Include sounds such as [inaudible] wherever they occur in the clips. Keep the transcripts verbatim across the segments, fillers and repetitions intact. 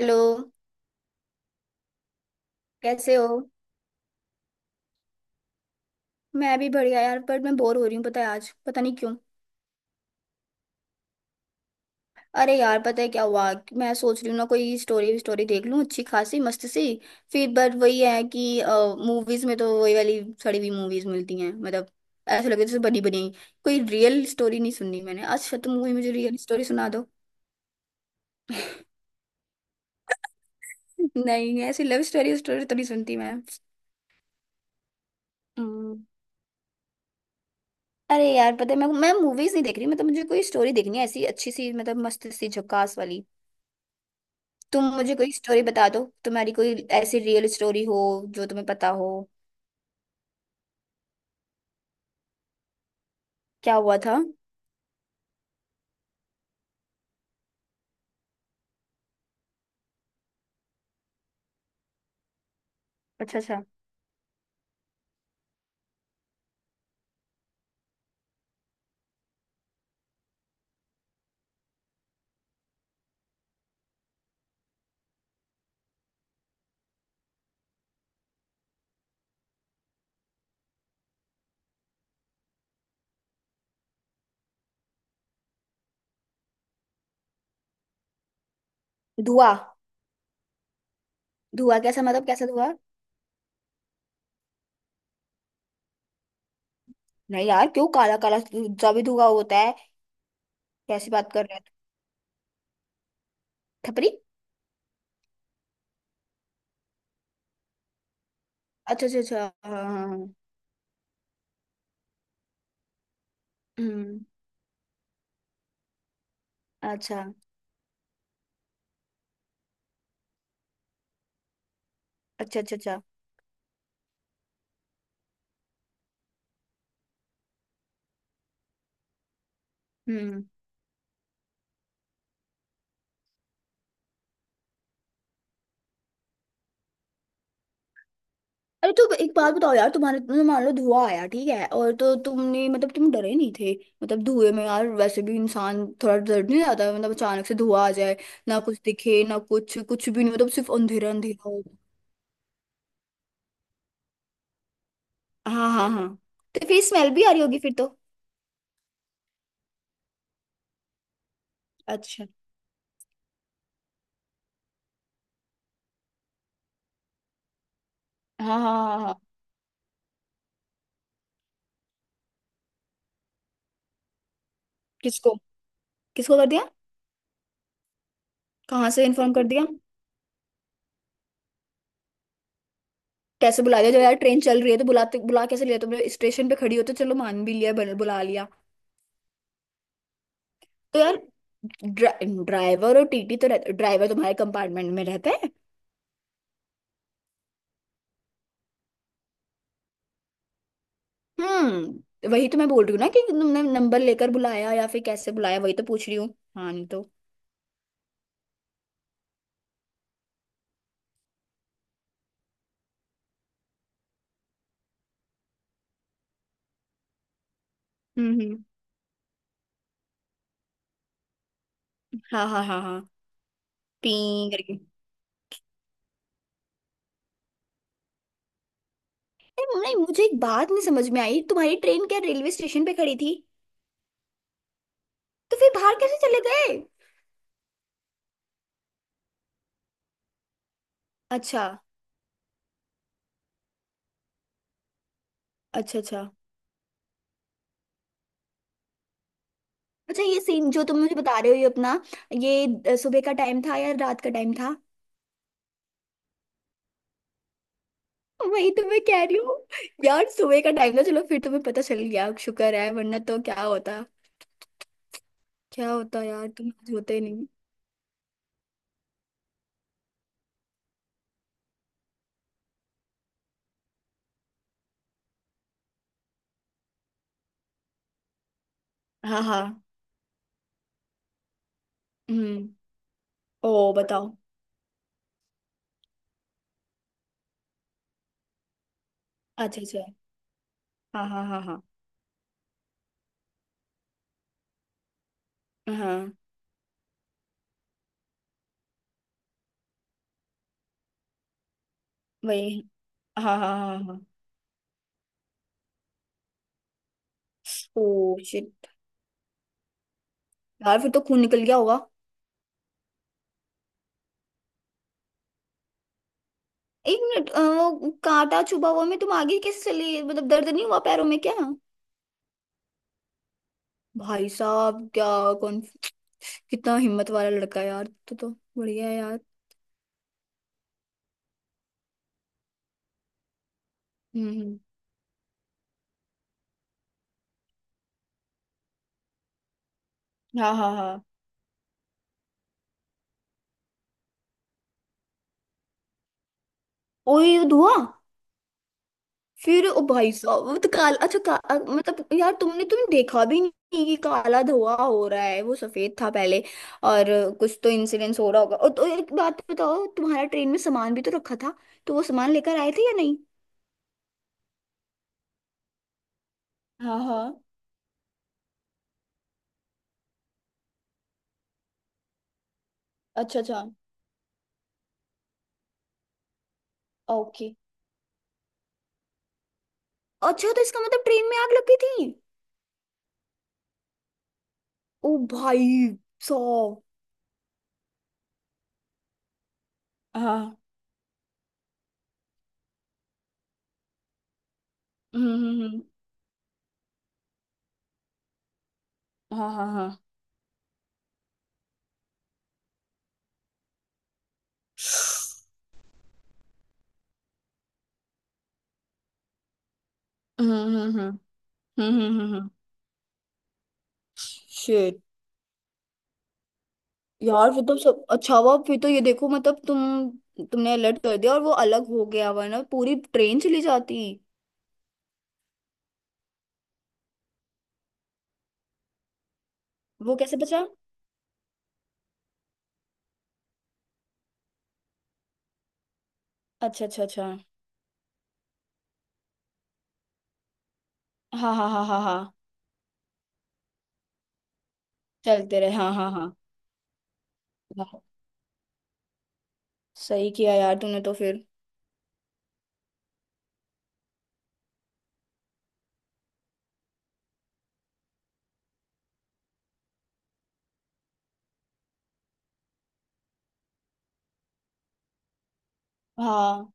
Hello. कैसे हो? मैं भी बढ़िया यार, पर मैं बोर हो रही हूँ। पता है आज पता नहीं क्यों। अरे यार, पता है क्या हुआ कि मैं सोच रही हूँ ना, कोई स्टोरी स्टोरी देख लूँ, अच्छी खासी मस्त सी। फिर बट वही है कि मूवीज में तो वही वाली सड़ी हुई मूवीज मिलती हैं, मतलब ऐसा लगे जैसे बनी बनी। कोई रियल स्टोरी नहीं सुननी मैंने। अच्छा तुम मूवी मुझे रियल स्टोरी सुना दो। [laughs] नहीं, ऐसी लव स्टोरी स्टोरी तो नहीं सुनती मैं। हम्म। अरे यार, पता है मैं मैं मूवीज नहीं देख रही, मतलब मुझे कोई स्टोरी देखनी है, ऐसी अच्छी सी, मतलब मस्त सी झकास वाली। तुम मुझे कोई स्टोरी बता दो, तुम्हारी कोई ऐसी रियल स्टोरी हो जो तुम्हें पता हो। क्या हुआ था? अच्छा अच्छा। धुआं? धुआं कैसा, मतलब कैसा धुआं? नहीं यार, क्यों? काला काला जो भी धुआं होता है। कैसी बात कर रहे हो थपरी। अच्छा अच्छा अच्छा। हाँ हाँ हाँ। हम्म। अच्छा अच्छा अच्छा। अच्छा। हम्म। अरे तो एक बात बताओ यार, तुम्हारे तुमने मान लो धुआं आया, ठीक है? और तो तुमने, मतलब तुम डरे नहीं थे? मतलब धुएं में यार वैसे भी इंसान थोड़ा डर नहीं जाता, मतलब अचानक से धुआं आ जाए, ना कुछ दिखे ना कुछ, कुछ भी नहीं, मतलब सिर्फ अंधेरा अंधेरा हो। हाँ हाँ हाँ। तो फिर स्मेल भी आ रही होगी फिर तो। अच्छा। हाँ हाँ हाँ हाँ। किसको? किसको कर दिया? कहाँ से इन्फॉर्म कर दिया? कैसे बुला लिया? जब यार ट्रेन चल रही है तो बुलाते बुला कैसे लिया तुमने? स्टेशन पे खड़ी हो तो चलो मान भी लिया, बन- बुला लिया। तो यार, ड्रा, ड्राइवर और टीटी तो रहते, ड्राइवर तुम्हारे कंपार्टमेंट में रहते हैं। हम्म वही तो मैं बोल रही हूँ ना कि तुमने नंबर लेकर बुलाया या फिर कैसे बुलाया, वही तो पूछ रही हूँ। हाँ नहीं तो। हम्म हम्म। हाँ हाँ हाँ हाँ। पी करके। नहीं नहीं, मुझे एक बात नहीं समझ में आई, तुम्हारी ट्रेन क्या रेलवे स्टेशन पे खड़ी थी? तो फिर बाहर कैसे चले गए? अच्छा अच्छा अच्छा। अच्छा, ये सीन जो तुम मुझे बता रहे हो, ये अपना ये, अ, सुबह का टाइम था या रात का टाइम था? वही तो मैं कह रही हूँ। यार सुबह का टाइम था, चलो फिर तुम्हें पता चल गया, शुक्र है, वरना तो क्या होता। क्या होता यार, तुम आज होते ही नहीं। हाँ हाँ। हम्म। ओ बताओ। अच्छा अच्छा। हाँ हाँ हाँ हाँ हाँ। वही। हाँ हाँ हाँ हाँ। Oh shit. यार, फिर तो खून निकल गया होगा। एक मिनट, अ, वो कांटा चुभा हुआ में तुम आगे कैसे चली, मतलब दर्द नहीं हुआ पैरों में क्या? भाई साहब क्या। कौन। कितना हिम्मत वाला लड़का है यार, तो तो। बढ़िया है यार। हम्म हम्म। हाँ हाँ हाँ। ओए धुआ। फिर ओ भाई साहब, वो तो काला, अच्छा का, अ, मतलब यार तुमने तुमने देखा भी नहीं कि काला धुआं हो रहा है, वो सफेद था पहले। और अ, कुछ तो इंसिडेंस हो रहा होगा, और तो एक बात बताओ, तुम्हारा ट्रेन में सामान भी तो रखा था? तो वो सामान लेकर आए थे या नहीं? हाँ हाँ। अच्छा अच्छा। ओके। अच्छा तो इसका मतलब ट्रेन में आग लगी थी? ओ भाई साहब। हाँ। हम्म हम्म हम्म। हाँ हाँ हाँ। हम्म हम्म हम्म हम्म हम्म। शिट। यार, फिर तो सब अच्छा हुआ फिर तो, ये देखो मतलब तुम, तुमने अलर्ट कर दिया और वो अलग हो गया, वरना पूरी ट्रेन चली जाती। वो कैसे बचा? अच्छा अच्छा अच्छा। हाँ हाँ हाँ हाँ हाँ। चलते रहे, हाँ हाँ हाँ। हाँ। सही किया यार तूने तो फिर। हाँ,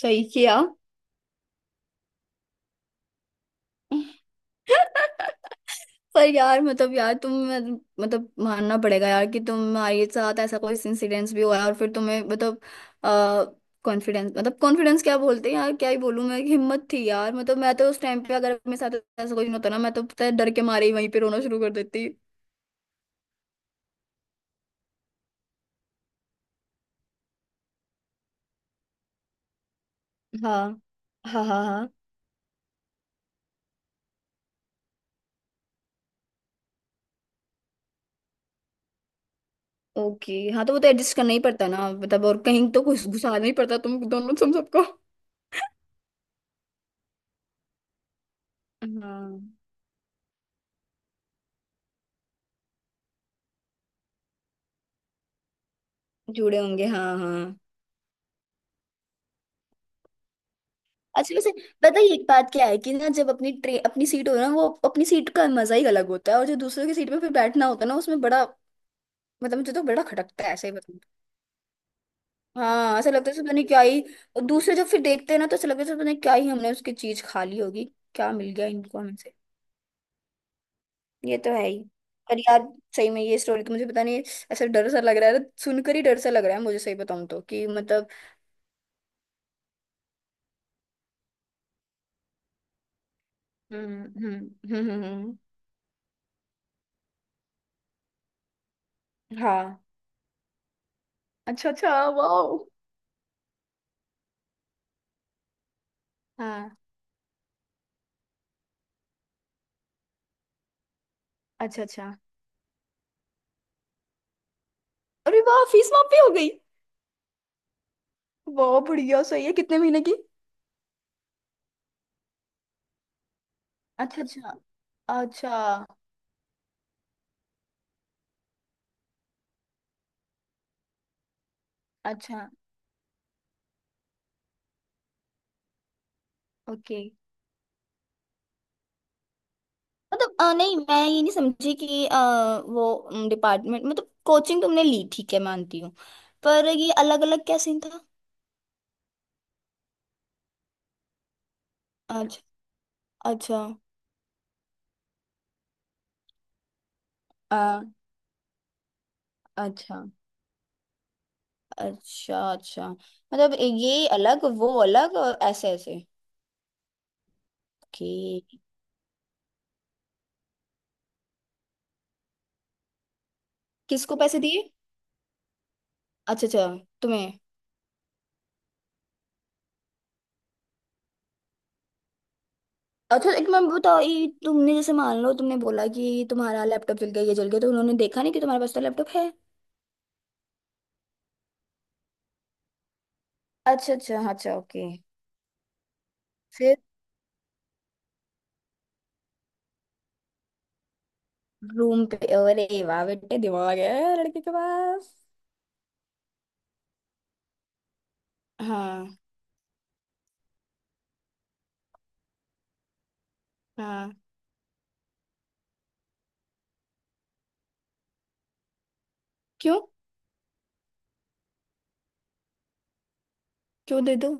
सही किया। पर यार, मतलब यार तुम, मतलब मानना पड़ेगा यार कि तुम्हारे साथ ऐसा कोई इंसिडेंस भी हुआ है, और फिर तुम्हें मतलब, कॉन्फिडेंस, मतलब कॉन्फिडेंस क्या बोलते हैं यार, क्या ही बोलूं मैं, हिम्मत थी यार, मतलब मैं तो उस टाइम पे अगर मेरे साथ ऐसा कोई होता ना, मैं तो पता है डर के मारे ही वहीं पे रोना शुरू कर देती। हाँ हाँ हाँ हाँ। ओके हाँ, तो वो तो एडजस्ट करना ही पड़ता ना, मतलब और कहीं तो कुछ घुसाना ही पड़ता तुम दोनों तुम सबको। हाँ जुड़े होंगे, हाँ हाँ। अच्छा वैसे पता है एक बात क्या है कि ना, जब अपनी ट्रे अपनी सीट हो ना, वो अपनी सीट का मजा ही अलग होता है, और जो दूसरों की सीट पे फिर बैठना होता है ना, उसमें बड़ा, मतलब मुझे तो बड़ा खटकता है ऐसे ही, बताऊं तो। हाँ, ऐसा लगता है जैसे पता नहीं क्या ही। और दूसरे जब फिर देखते हैं ना, तो ऐसा लगता है जैसे पता नहीं क्या ही हमने उसकी चीज खा ली होगी। क्या मिल गया इनको हमसे। ये तो है ही। पर यार, सही में ये स्टोरी तो मुझे पता नहीं, ऐसा डर सा लग रहा है, सुनकर ही डर सा लग रहा है मुझे, सही बताऊं तो, कि मतलब। हम्म हम्म हम्म हम्म, हम्म। हाँ। अच्छा अच्छा, वाह। हाँ। अच्छा अच्छा। अरे वाह, फीस माफी हो गई। वाह बढ़िया, सही है, कितने महीने की? अच्छा अच्छा अच्छा अच्छा, ओके। मतलब अ, नहीं, मैं ये नहीं समझी कि अ, वो डिपार्टमेंट, मतलब कोचिंग तुमने ली ठीक है मानती हूँ, पर ये अलग अलग क्या सीन था? अच्छा अच्छा। आ, अच्छा अच्छा अच्छा, मतलब ये अलग वो अलग और ऐसे ऐसे। कि किसको पैसे दिए? अच्छा अच्छा। तुम्हें? अच्छा एक मैं बताओ, ये तुमने जैसे मान लो तुमने बोला कि तुम्हारा लैपटॉप जल गया, ये जल गया, तो उन्होंने देखा नहीं कि तुम्हारे पास तो लैपटॉप है? अच्छा अच्छा अच्छा, ओके। फिर? रूम पे? अरे वाह बेटे, दिमाग है लड़के के पास। हाँ हाँ। क्यों? क्यों दे दो?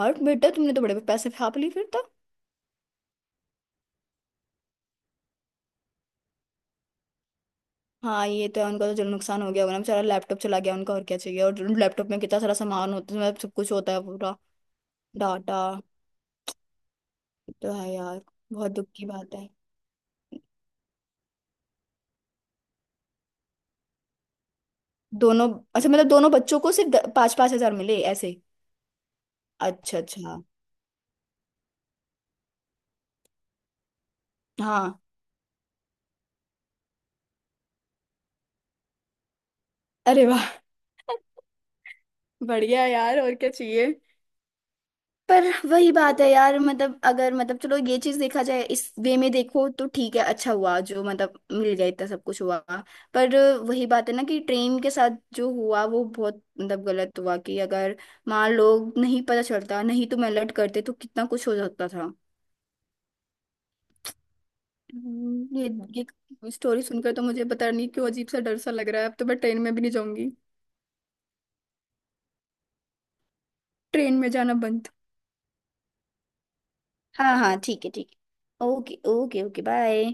और बेटा तुमने तो बड़े पैसे फाप लिए फिर तो। हाँ, ये तो है, उनका तो जो नुकसान हो गया होगा ना, बेचारा लैपटॉप चला गया उनका, और क्या चाहिए, और लैपटॉप में कितना सारा सामान होता है, उसमें सब कुछ होता है पूरा डाटा, तो है यार। बहुत दुख की बात है। दोनों? अच्छा मतलब दोनों बच्चों को सिर्फ पांच पांच हजार मिले ऐसे? अच्छा अच्छा। हाँ। अरे वाह। [laughs] बढ़िया यार, और क्या चाहिए। पर वही बात है यार, मतलब अगर, मतलब चलो ये चीज देखा जाए इस वे में, देखो तो ठीक है, अच्छा हुआ जो मतलब मिल गया इतना सब कुछ हुआ। पर वही बात है ना कि ट्रेन के साथ जो हुआ वो बहुत मतलब गलत हुआ, कि अगर मान लो नहीं पता चलता, नहीं तो मैं अलर्ट करते तो कितना कुछ हो सकता था। हम्म। ये ये स्टोरी सुनकर तो मुझे पता नहीं क्यों अजीब सा डर सा लग रहा है, अब तो मैं ट्रेन में भी नहीं जाऊंगी। ट्रेन में जाना बंद। हाँ हाँ, ठीक है ठीक है, ओके ओके ओके, बाय।